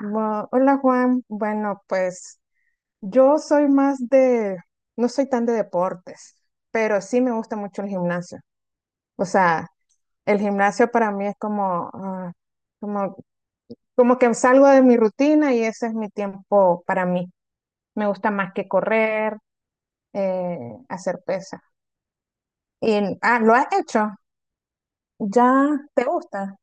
Hola Juan, bueno, pues yo soy más de, no soy tan de deportes, pero sí me gusta mucho el gimnasio. O sea, el gimnasio para mí es como, como, como que salgo de mi rutina y ese es mi tiempo para mí. Me gusta más que correr, eh, hacer pesa. Y, ¿lo has hecho? ¿Ya te gusta?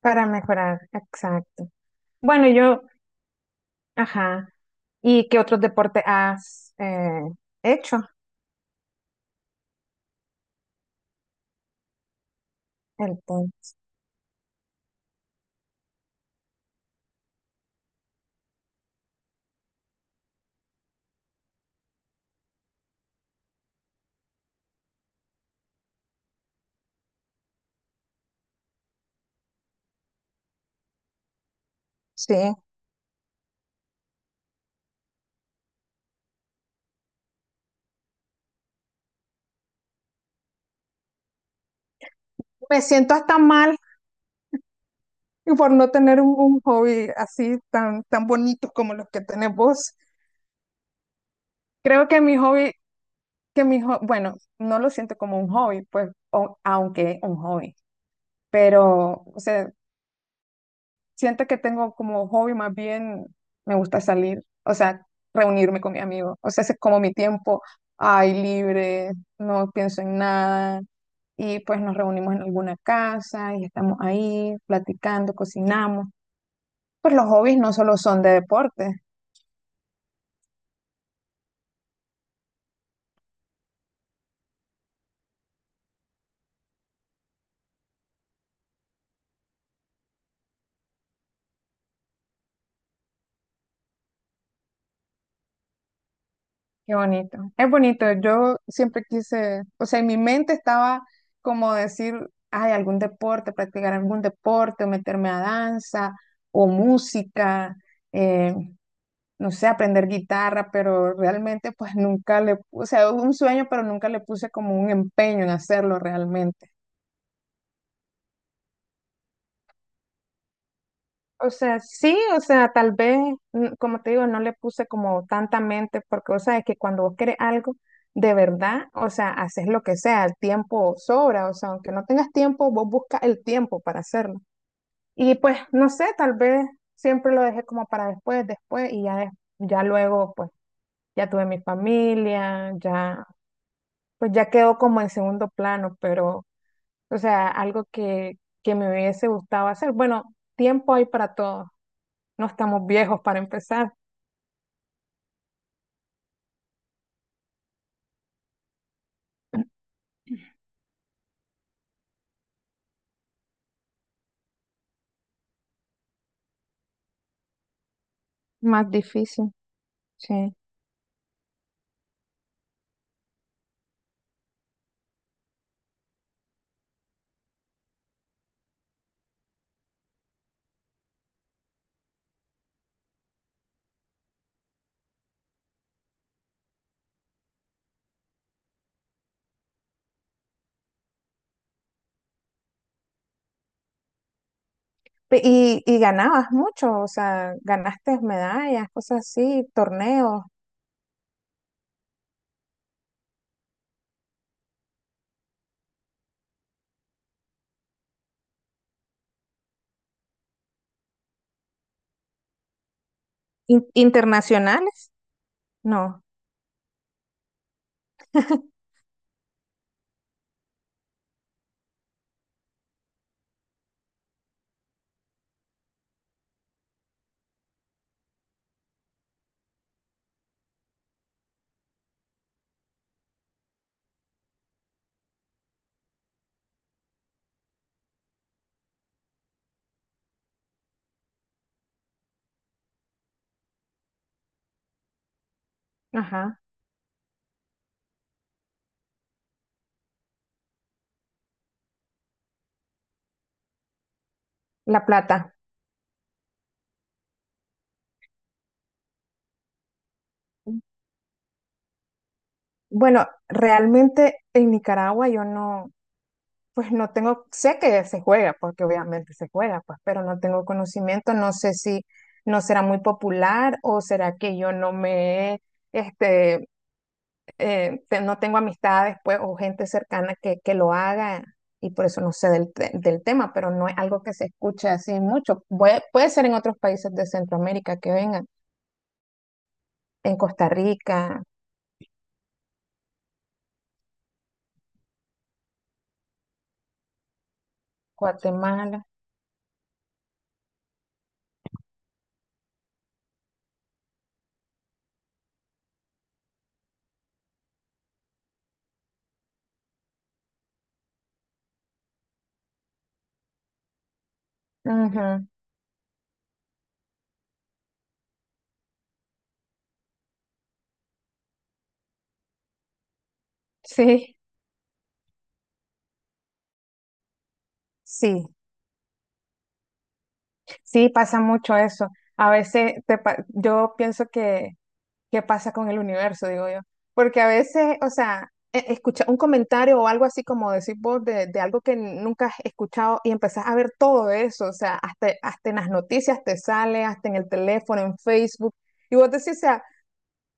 Para mejorar, exacto. Bueno, yo, ajá. ¿Y qué otros deportes has hecho? El punto. Sí, me siento hasta mal por no tener un hobby así tan bonito como los que tenés vos. Creo que mi hobby, bueno, no lo siento como un hobby, pues, o- aunque es un hobby, pero, o sea, siento que tengo como hobby más bien, me gusta salir, o sea, reunirme con mi amigo, o sea, ese es como mi tiempo, ay, libre, no pienso en nada y pues nos reunimos en alguna casa y estamos ahí platicando, cocinamos. Pues los hobbies no solo son de deporte. Qué bonito. Es bonito. Yo siempre quise, o sea, en mi mente estaba como decir, ay, algún deporte, practicar algún deporte, o meterme a danza o música, eh, no sé, aprender guitarra, pero realmente pues nunca le, o sea, un sueño, pero nunca le puse como un empeño en hacerlo realmente. O sea, sí, o sea, tal vez, como te digo, no le puse como tanta mente, porque, o sea, es que cuando vos querés algo de verdad, o sea, haces lo que sea, el tiempo sobra, o sea, aunque no tengas tiempo, vos buscas el tiempo para hacerlo. Y pues, no sé, tal vez siempre lo dejé como para después, después, y ya, des- ya luego, pues, ya tuve mi familia, ya, pues ya quedó como en segundo plano, pero, o sea, algo que me hubiese gustado hacer. Bueno, tiempo hay para todo. No estamos viejos para empezar. Más difícil, sí. Y ganabas mucho, o sea, ganaste medallas, cosas así, torneos internacionales. No, ajá, la plata. Bueno, realmente en Nicaragua yo no, pues no tengo, sé que se juega, porque obviamente se juega, pues, pero no tengo conocimiento, no sé si no será muy popular o será que yo no me he, este, te- no tengo amistades pues, o gente cercana que lo haga y por eso no sé del, te- del tema, pero no es algo que se escuche así mucho. Puede ser en otros países de Centroamérica que vengan, en Costa Rica, Guatemala. Ujú. Sí, sí, sí, pasa mucho eso. A veces te pa- yo pienso que qué pasa con el universo, digo yo. Porque a veces, o sea, e- escucha un comentario o algo así como decir vos de algo que nunca has escuchado y empezás a ver todo eso, o sea, hasta en las noticias te sale, hasta en el teléfono, en Facebook, y vos decís, o sea,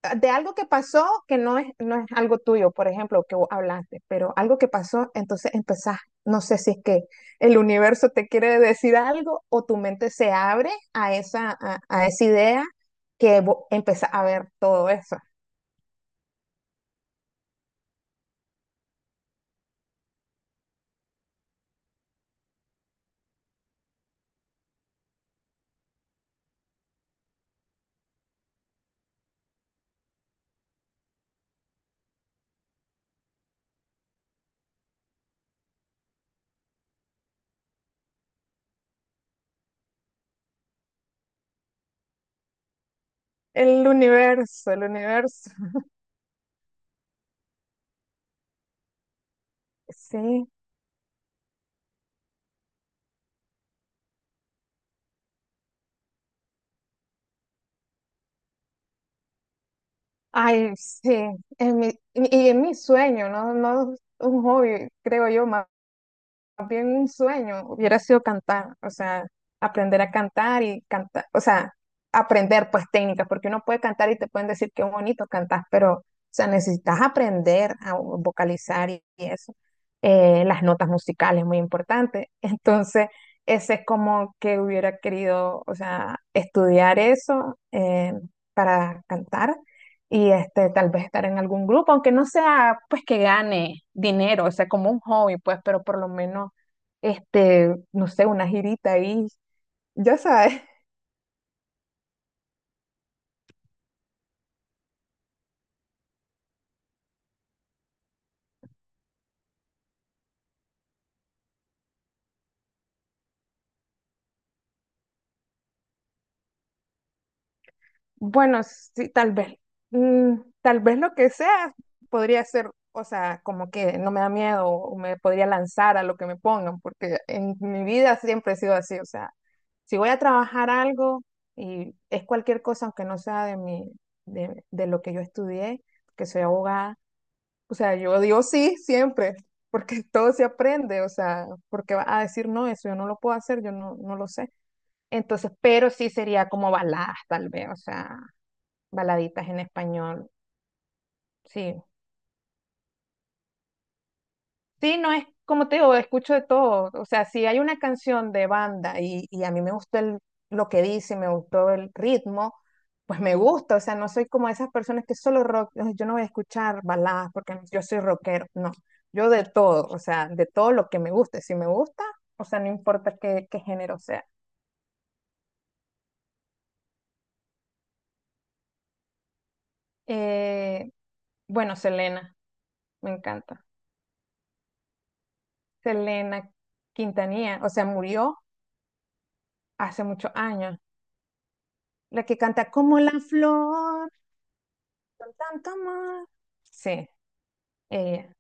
ah, de algo que pasó que no no es algo tuyo, por ejemplo, que vos hablaste, pero algo que pasó, entonces empezás, no sé si es que el universo te quiere decir algo o tu mente se abre a esa, a esa idea que vos empezás a ver todo eso. El universo, sí. Ay, sí, en mi, y en mi sueño, ¿no? No un hobby, creo yo, más bien un sueño hubiera sido cantar, o sea, aprender a cantar y cantar, o sea, aprender pues técnicas, porque uno puede cantar y te pueden decir qué bonito cantas, pero, o sea, necesitas aprender a vocalizar y eso. Las notas musicales, muy importante. Entonces, ese es como que hubiera querido, o sea, estudiar eso para cantar. Y este, tal vez estar en algún grupo, aunque no sea pues que gane dinero, o sea, como un hobby, pues, pero por lo menos este, no sé, una girita ahí, ya sabes. Bueno, sí, tal vez, tal vez lo que sea podría ser, o sea, como que no me da miedo o me podría lanzar a lo que me pongan, porque en mi vida siempre he sido así, o sea, si voy a trabajar algo y es cualquier cosa, aunque no sea de mi, de lo que yo estudié, que soy abogada, o sea, yo digo sí siempre, porque todo se aprende, o sea, porque va a decir no, eso yo no lo puedo hacer, yo no, no lo sé. Entonces, pero sí sería como baladas, tal vez, o sea, baladitas en español. Sí, sí, no es como te digo, escucho de todo. O sea, si hay una canción de banda y a mí me gustó el- lo que dice, me gustó el ritmo, pues me gusta. O sea, no soy como esas personas que solo rock, "Ay, yo no voy a escuchar baladas porque yo soy rockero". No, yo de todo, o sea, de todo lo que me guste. Si me gusta, o sea, no importa qué género sea. Eh, bueno, Selena, me encanta. Selena Quintanilla, o sea, murió hace muchos años. La que canta como la flor, con tanto amor. Sí, ella,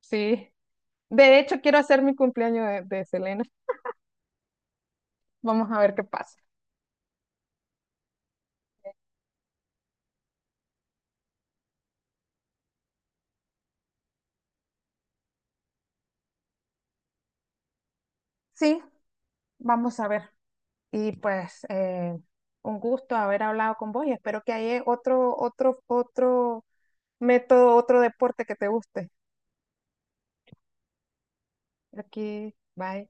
sí. De hecho, quiero hacer mi cumpleaños de Selena. Vamos a ver qué pasa. Sí, vamos a ver. Y pues, un gusto haber hablado con vos y espero que haya otro método, otro deporte que te guste. Aquí, bye.